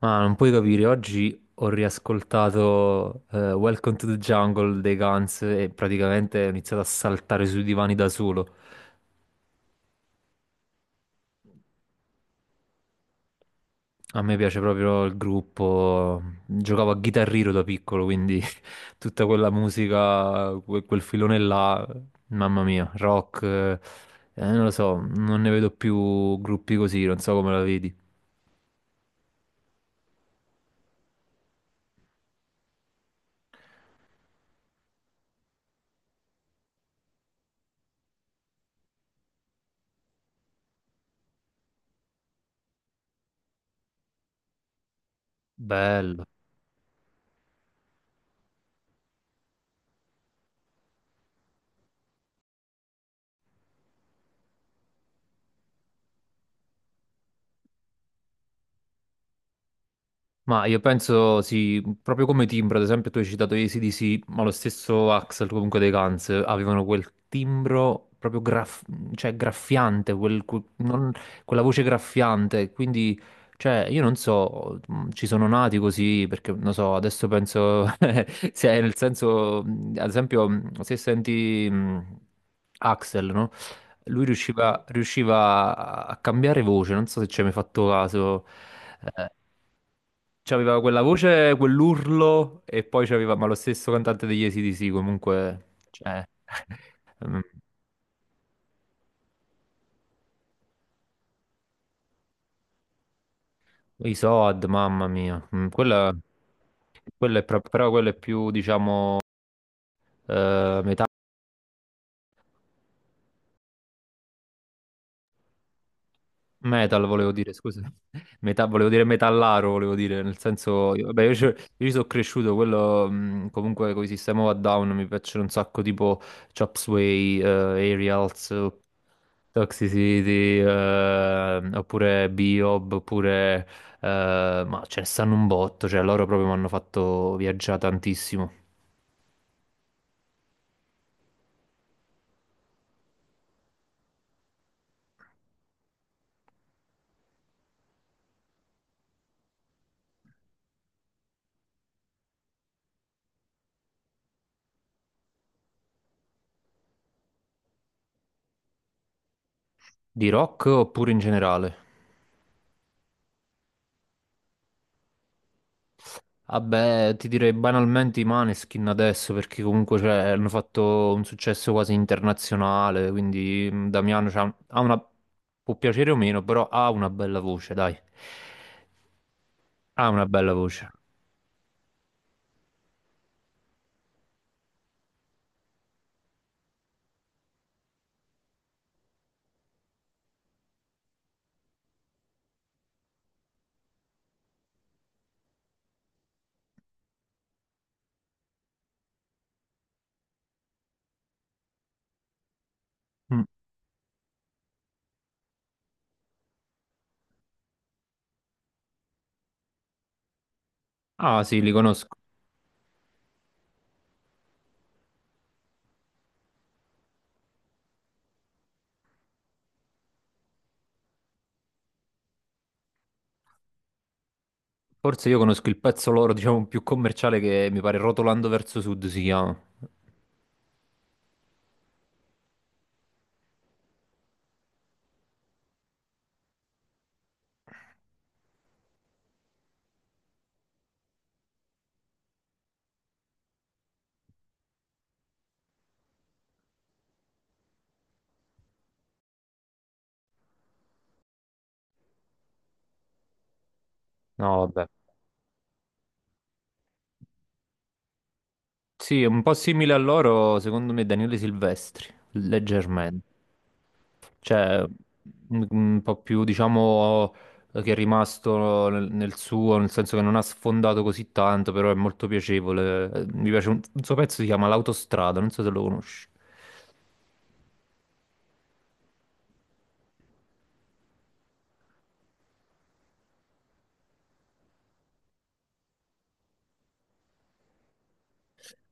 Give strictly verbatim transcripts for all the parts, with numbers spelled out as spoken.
Ma non puoi capire, oggi ho riascoltato eh, Welcome to the Jungle dei Guns e praticamente ho iniziato a saltare sui divani da solo. A me piace proprio il gruppo, giocavo a Guitar Hero da piccolo, quindi tutta quella musica, que- quel filone là, mamma mia, rock, eh, non lo so, non ne vedo più gruppi così, non so come la vedi. Bello. Ma io penso, sì, proprio come timbro, ad esempio tu hai citato gli A C/D C, ma lo stesso Axl comunque dei Guns avevano quel timbro proprio graff- cioè, graffiante, quel- que- non- quella voce graffiante, quindi cioè, io non so, mh, ci sono nati così, perché non so, adesso penso, se nel senso, mh, ad esempio, mh, se senti mh, Axl, no? Lui riusciva, riusciva a a cambiare voce, non so se ci hai mai fatto caso. eh, C'aveva quella voce, quell'urlo e poi c'aveva, ma lo stesso cantante degli A C/D C comunque, cioè, mm, i Soad, mamma mia, mm, quella, quella è pro- però quella è più, diciamo, eh, metallica. Metal volevo dire, scusa, Meta- volevo dire metallaro, volevo dire, nel senso, io, vabbè, io, ci- io ci sono cresciuto, quello mh, comunque con i System of a Down mi piacciono un sacco, tipo Chop Sway, eh, Aerials, eh, Toxicity, eh, oppure Biob, oppure, eh, ma ce ne stanno un botto, cioè loro proprio mi hanno fatto viaggiare tantissimo. Di rock oppure in generale? Vabbè, ti direi banalmente i Maneskin adesso perché comunque cioè, hanno fatto un successo quasi internazionale, quindi mh, Damiano c'ha- ha una... può piacere o meno, però ha una bella voce, dai. Ha una bella voce. Mm. Ah sì, li conosco. Forse io conosco il pezzo loro, diciamo, più commerciale, che mi pare Rotolando verso Sud si chiama. No, vabbè. Sì, è un po' simile a loro, secondo me, Daniele Silvestri, leggermente. Cioè, un un po' più, diciamo, che è rimasto nel, nel suo, nel senso che non ha sfondato così tanto, però è molto piacevole. Eh, Mi piace un, un suo pezzo, si chiama L'autostrada, non so se lo conosci.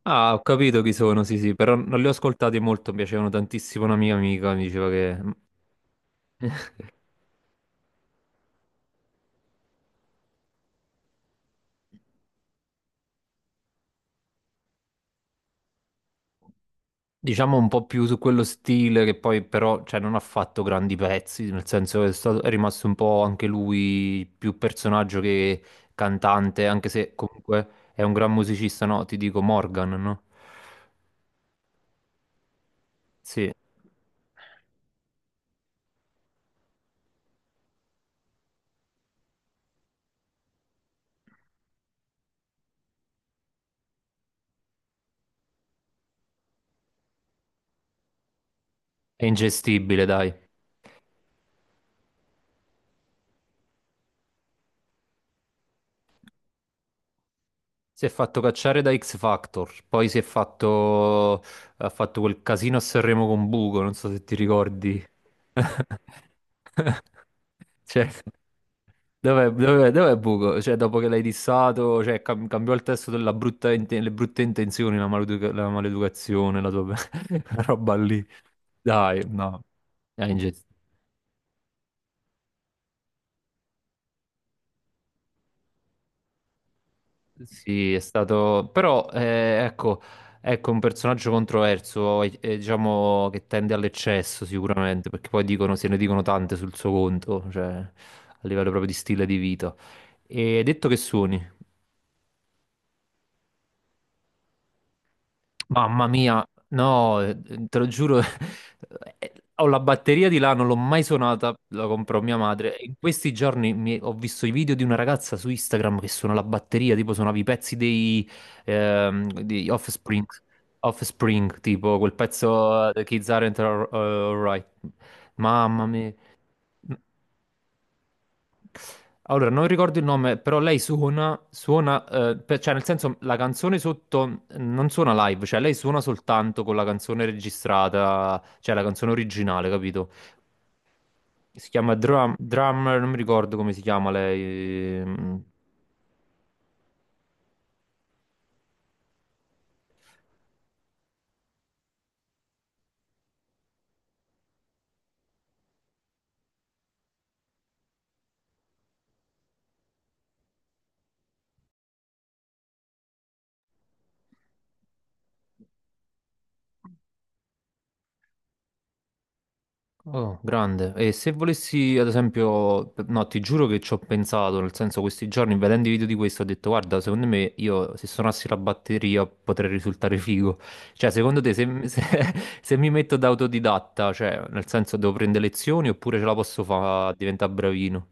Ah, ho capito chi sono, sì, sì, però non li ho ascoltati molto, mi piacevano tantissimo. Una mia amica mi diceva che diciamo un po' più su quello stile, che poi però cioè, non ha fatto grandi pezzi, nel senso che è stato- è rimasto un po' anche lui più personaggio che cantante, anche se comunque è un gran musicista, no? Ti dico Morgan, no? Sì, è ingestibile, dai. Si è fatto cacciare da X Factor, poi si è fatto... ha fatto quel casino a Sanremo con Bugo, non so se ti ricordi. Cioè... Dov'è, dov'è- dov'è il buco? Cioè, dopo che l'hai dissato, cioè, cam- cambiò il testo della brutta inte- le brutte intenzioni, la maleduca- la maleducazione, la tua la roba lì. Dai, no. Dai, inge- sì, è stato... Però, eh, ecco, ecco, un personaggio controverso, eh, eh, diciamo, che tende all'eccesso sicuramente, perché poi dicono, se ne dicono tante sul suo conto, cioè, a livello proprio di stile di vita. E hai detto che suoni? Mamma mia, no, eh, te lo giuro, eh, ho la batteria di là, non l'ho mai suonata, la comprò mia madre. E in questi giorni mi- ho visto i video di una ragazza su Instagram che suona la batteria, tipo suonava i pezzi dei, ehm, di Offspring, Offspring, tipo quel pezzo eh, The Kids Aren't Al- Alright. Mamma mia. Allora, non ricordo il nome, però lei suona, suona, eh, per- cioè nel senso la canzone sotto eh, non suona live, cioè lei suona soltanto con la canzone registrata, cioè la canzone originale, capito? Si chiama Drum, Drummer, non mi ricordo come si chiama lei. Mm. Oh, grande. E se volessi, ad esempio, no, ti giuro che ci ho pensato, nel senso questi giorni vedendo i video di questo ho detto, guarda, secondo me io se suonassi la batteria potrei risultare figo. Cioè, secondo te se, se- se mi metto da autodidatta, cioè, nel senso devo prendere lezioni oppure ce la posso fare a diventare bravino?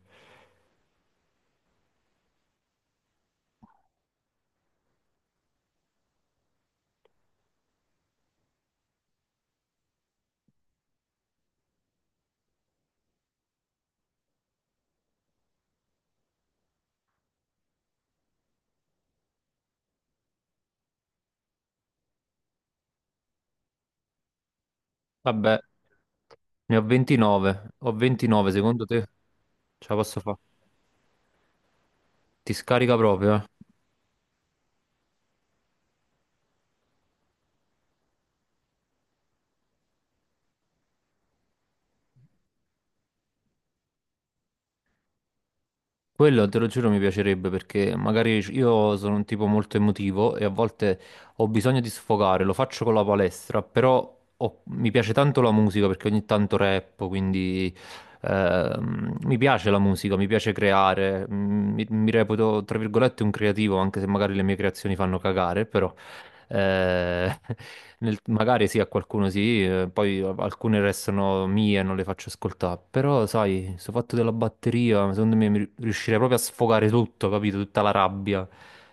Vabbè, ne ho ventinove, ho ventinove, secondo te ce la posso fare? Ti scarica proprio, eh? Quello te lo giuro mi piacerebbe perché magari c- io sono un tipo molto emotivo e a volte ho bisogno di sfogare, lo faccio con la palestra, però ho- mi piace tanto la musica perché ogni tanto rappo, quindi ehm, mi piace la musica, mi piace creare, mm, mi, mi reputo tra virgolette un creativo anche se magari le mie creazioni fanno cagare, però eh, nel- magari sì, a qualcuno sì, eh, poi a- alcune restano mie e non le faccio ascoltare. Però, sai, questo fatto della batteria, secondo me mi ri- riuscirei proprio a sfogare tutto, capito? Tutta la rabbia.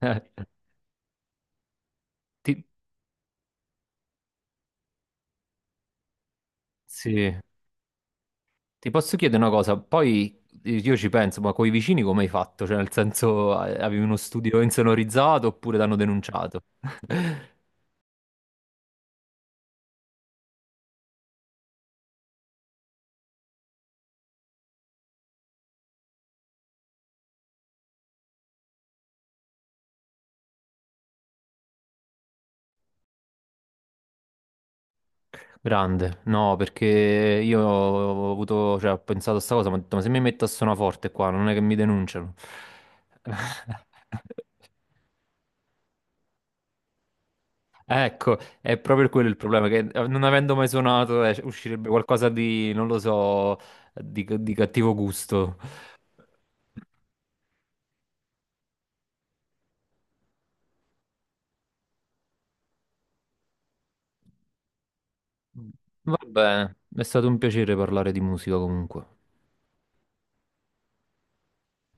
Eh, ti, sì. Ti posso chiedere una cosa? Poi eh, io ci penso, ma coi vicini come hai fatto? Cioè, nel senso, eh, avevi uno studio insonorizzato oppure t'hanno denunciato? Grande, no, perché io ho avuto, cioè, ho pensato a sta cosa, ma ho detto, ma se mi metto a suonaforte qua, non è che mi denunciano. Ecco, è proprio quello il problema, che eh, non avendo mai suonato, eh, uscirebbe qualcosa di, non lo so, di, di cattivo gusto. Va bene, è stato un piacere parlare di musica comunque.